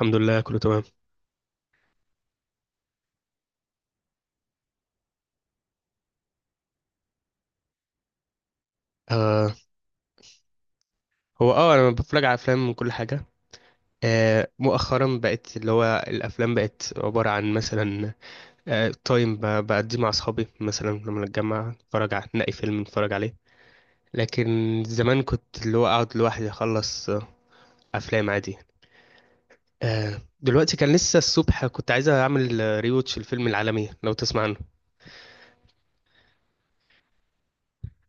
الحمد لله، كله تمام. آه هو انا بتفرج على افلام وكل حاجه. مؤخرا بقت اللي هو الافلام بقت عباره عن مثلا تايم، بقضيه مع اصحابي، مثلا لما نتجمع نتفرج على نلاقي فيلم نتفرج عليه. لكن زمان كنت اللي هو اقعد لوحدي اخلص افلام عادي. دلوقتي كان لسه الصبح كنت عايز اعمل ريوتش الفيلم العالمي لو تسمع عنه.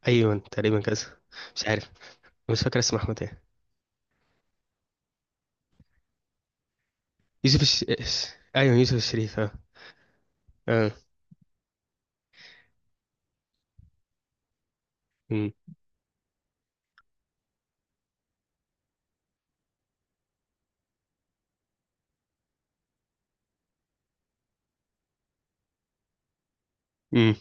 ايوه، تقريبا كذا. مش عارف، مش فاكر اسمه احمد ايه. يوسف الش... ايوه، يوسف الشريف، اه. آه. مم. مم.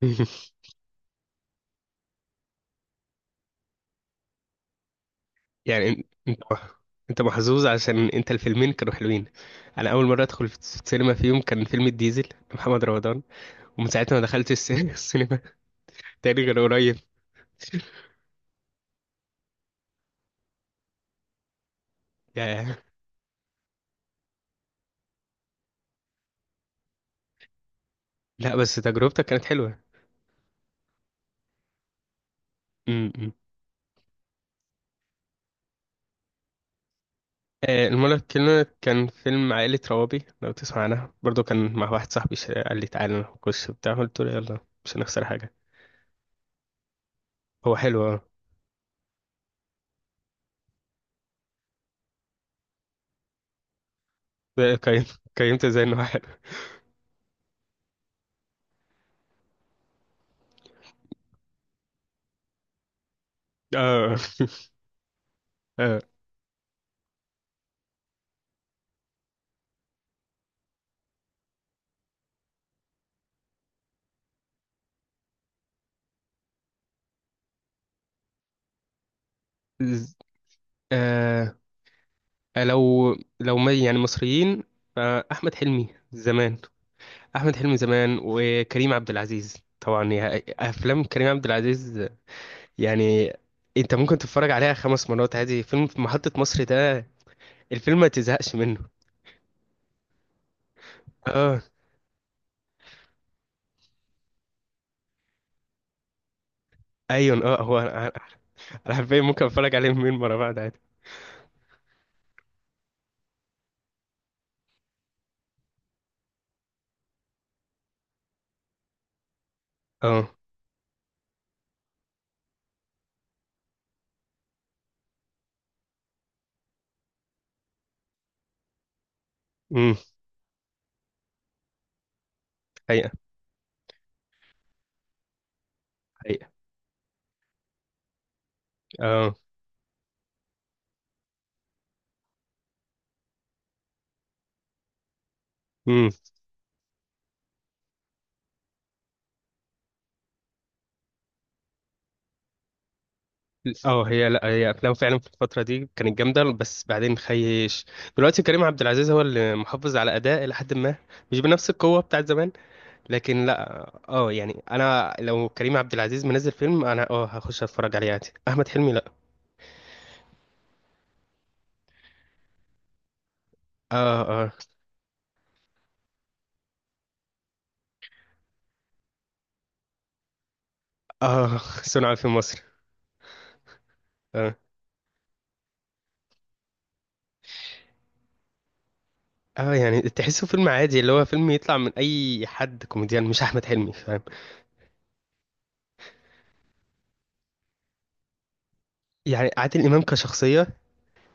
يعني انت محظوظ عشان انت الفيلمين كانوا حلوين. انا اول مره ادخل في السينما فيهم كان فيلم الديزل لمحمد رمضان، ومن ساعتها ما دخلتش السينما تاني غير قريب. يا لا، بس تجربتك كانت حلوة. م- م. المرة التانية كان فيلم عائلة روابي لو تسمع عنها، برضو كان مع واحد صاحبي، قال لي تعالى نخش بتاع، قلت له يلا مش هنخسر حاجة. هو حلو، اه. قيمت زي انه حلو. اه، اه. آه. آه. لو ما يعني مصريين، فأحمد حلمي زمان. أحمد حلمي زمان وكريم عبد العزيز طبعا أفلام كريم عبد العزيز يعني أنت ممكن تتفرج عليها خمس مرات عادي. فيلم في محطة مصر ده، الفيلم ما تزهقش منه. اه، أيون، اه، هو، أنا حرفيا ممكن أتفرج عليه مليون مرة بعد عادي. اه، امم، حقيقة، حقيقة، اه، اه. هي، لا، هي افلام فعلا في الفتره دي كانت جامده، بس بعدين خيش. دلوقتي كريم عبد العزيز هو اللي محافظ على اداء الى حد ما، مش بنفس القوه بتاعت زمان، لكن لا. اه، يعني انا لو كريم عبد العزيز منزل فيلم انا هخش اتفرج عليه عادي، احمد حلمي لا. اه، اه، اه. صنع في مصر. اه، اه، يعني تحسه فيلم عادي، اللي هو فيلم يطلع من اي حد كوميديان مش احمد حلمي، فاهم؟ يعني عادل امام كشخصيه،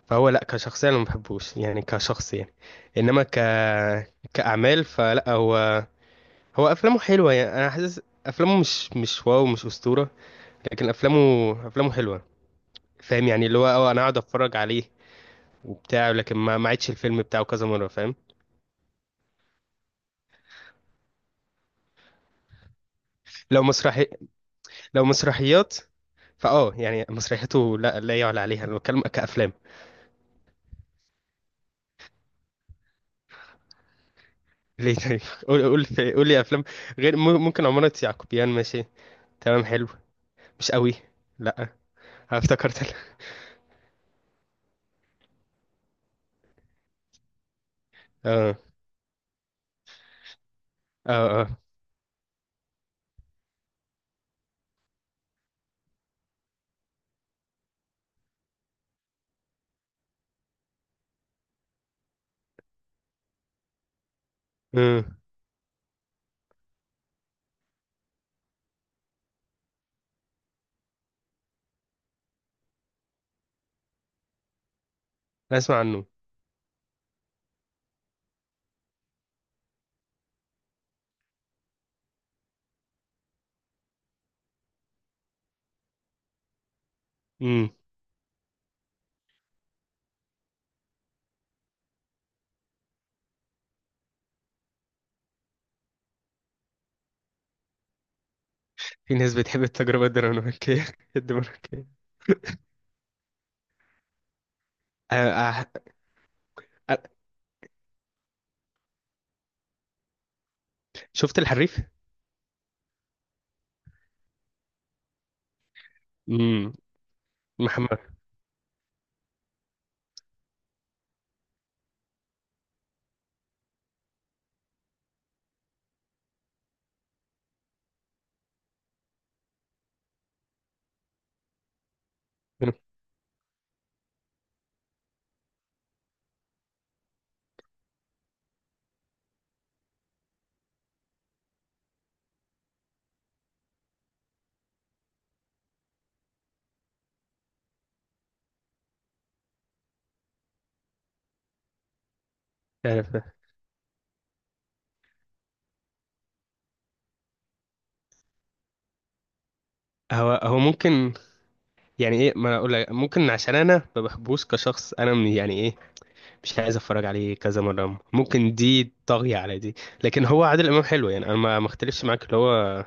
فهو لا، كشخصية انا ما بحبوش، يعني كشخص، يعني. انما كاعمال، فلا. هو، هو افلامه حلوة يعني انا حاسس افلامه مش واو، مش اسطورة. لكن افلامه حلوة. فاهم؟ يعني اللي هو اه انا اقعد اتفرج عليه وبتاع، لكن ما عيدش الفيلم بتاعه كذا مرة، فاهم؟ لو مسرحي لو مسرحيات. فاه، يعني مسرحيته لا، لا يعلى عليها، انا بتكلم كافلام. ليه، طيب؟ قول، قول. قول لي افلام غير، ممكن عمارة يعقوبيان، ماشي، تمام، حلو، مش قوي. لا أنا افتكرت. اه، اه، اه، امم. اسمع عنه. امم. في ناس بتحب التجربه الدنماركيه. الدنماركيه. آه، آه، آه. شفت الحريف؟ امم، محمد. عارف ده. هو ممكن. يعني ايه، ما أنا اقول لك ممكن عشان انا ما بحبوش كشخص، انا من، يعني ايه، مش عايز اتفرج عليه كذا مره، ممكن دي طاغيه على دي. لكن هو عادل امام حلو، يعني انا ما اختلفش معاك، اللي هو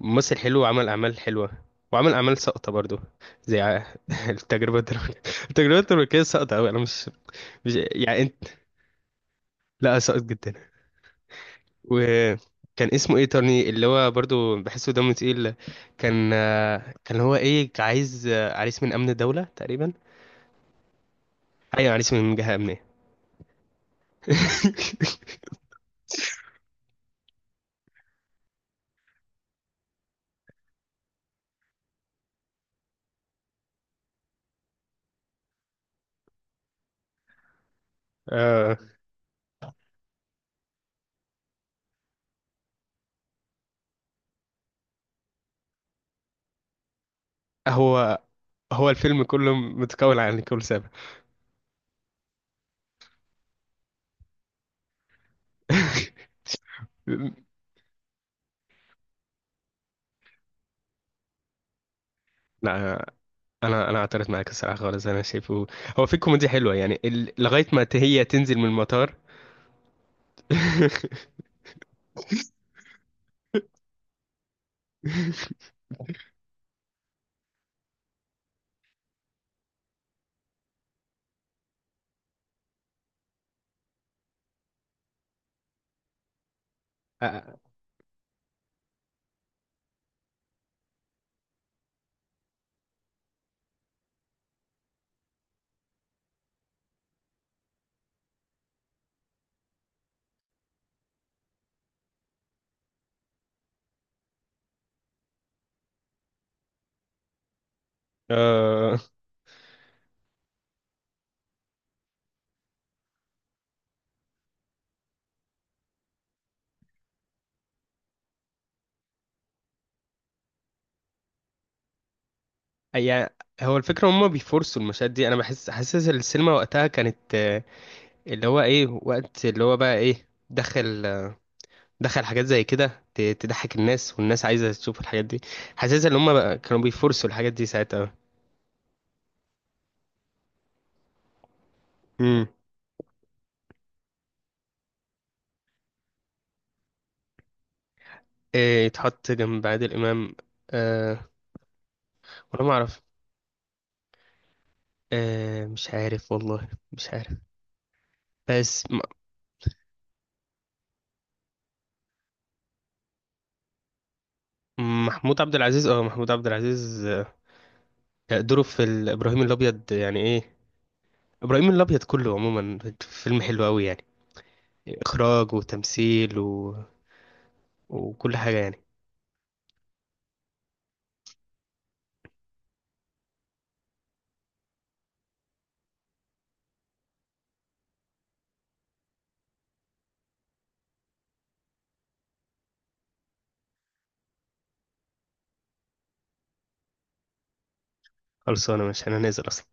ممثل حلو وعمل اعمال حلوه، وعمل اعمال ساقطه برضو، زي التجربه الدنماركيه. التجربة التركية ساقطة أوي، أنا مش، يعني انت، لا، سقط جدا. وكان اسمه ايه، ترني، اللي هو برضو بحسه دمه تقيل. كان هو، ايه، عايز عريس من امن الدولة تقريبا. ايوه، عريس من جهة امنية. آه، هو هو الفيلم كله متكون عن كل سبب. لا، انا اعترض معاك الصراحه خالص، انا شايفه هو في كوميديا حلوه، يعني لغايه ما هي تنزل من المطار. آه، يعني هو الفكرة هما بيفرصوا المشاهد دي، أنا حاسس السينما وقتها كانت اللي هو إيه وقت اللي هو بقى، إيه، دخل دخل حاجات زي كده تضحك الناس، والناس عايزة تشوف الحاجات دي. حاسس إن هما بقى كانوا بيفرصوا الحاجات دي ساعتها. امم، إيه يتحط جنب عادل إمام؟ أه، ولا، ما أعرف. أه مش عارف، والله مش عارف. بس محمود عبد العزيز، دوره في إبراهيم الأبيض يعني إيه. ابراهيم الابيض كله عموما فيلم حلو قوي، يعني إخراج وتمثيل وكل حاجة، يعني خلصانة مش هننزل أصلا.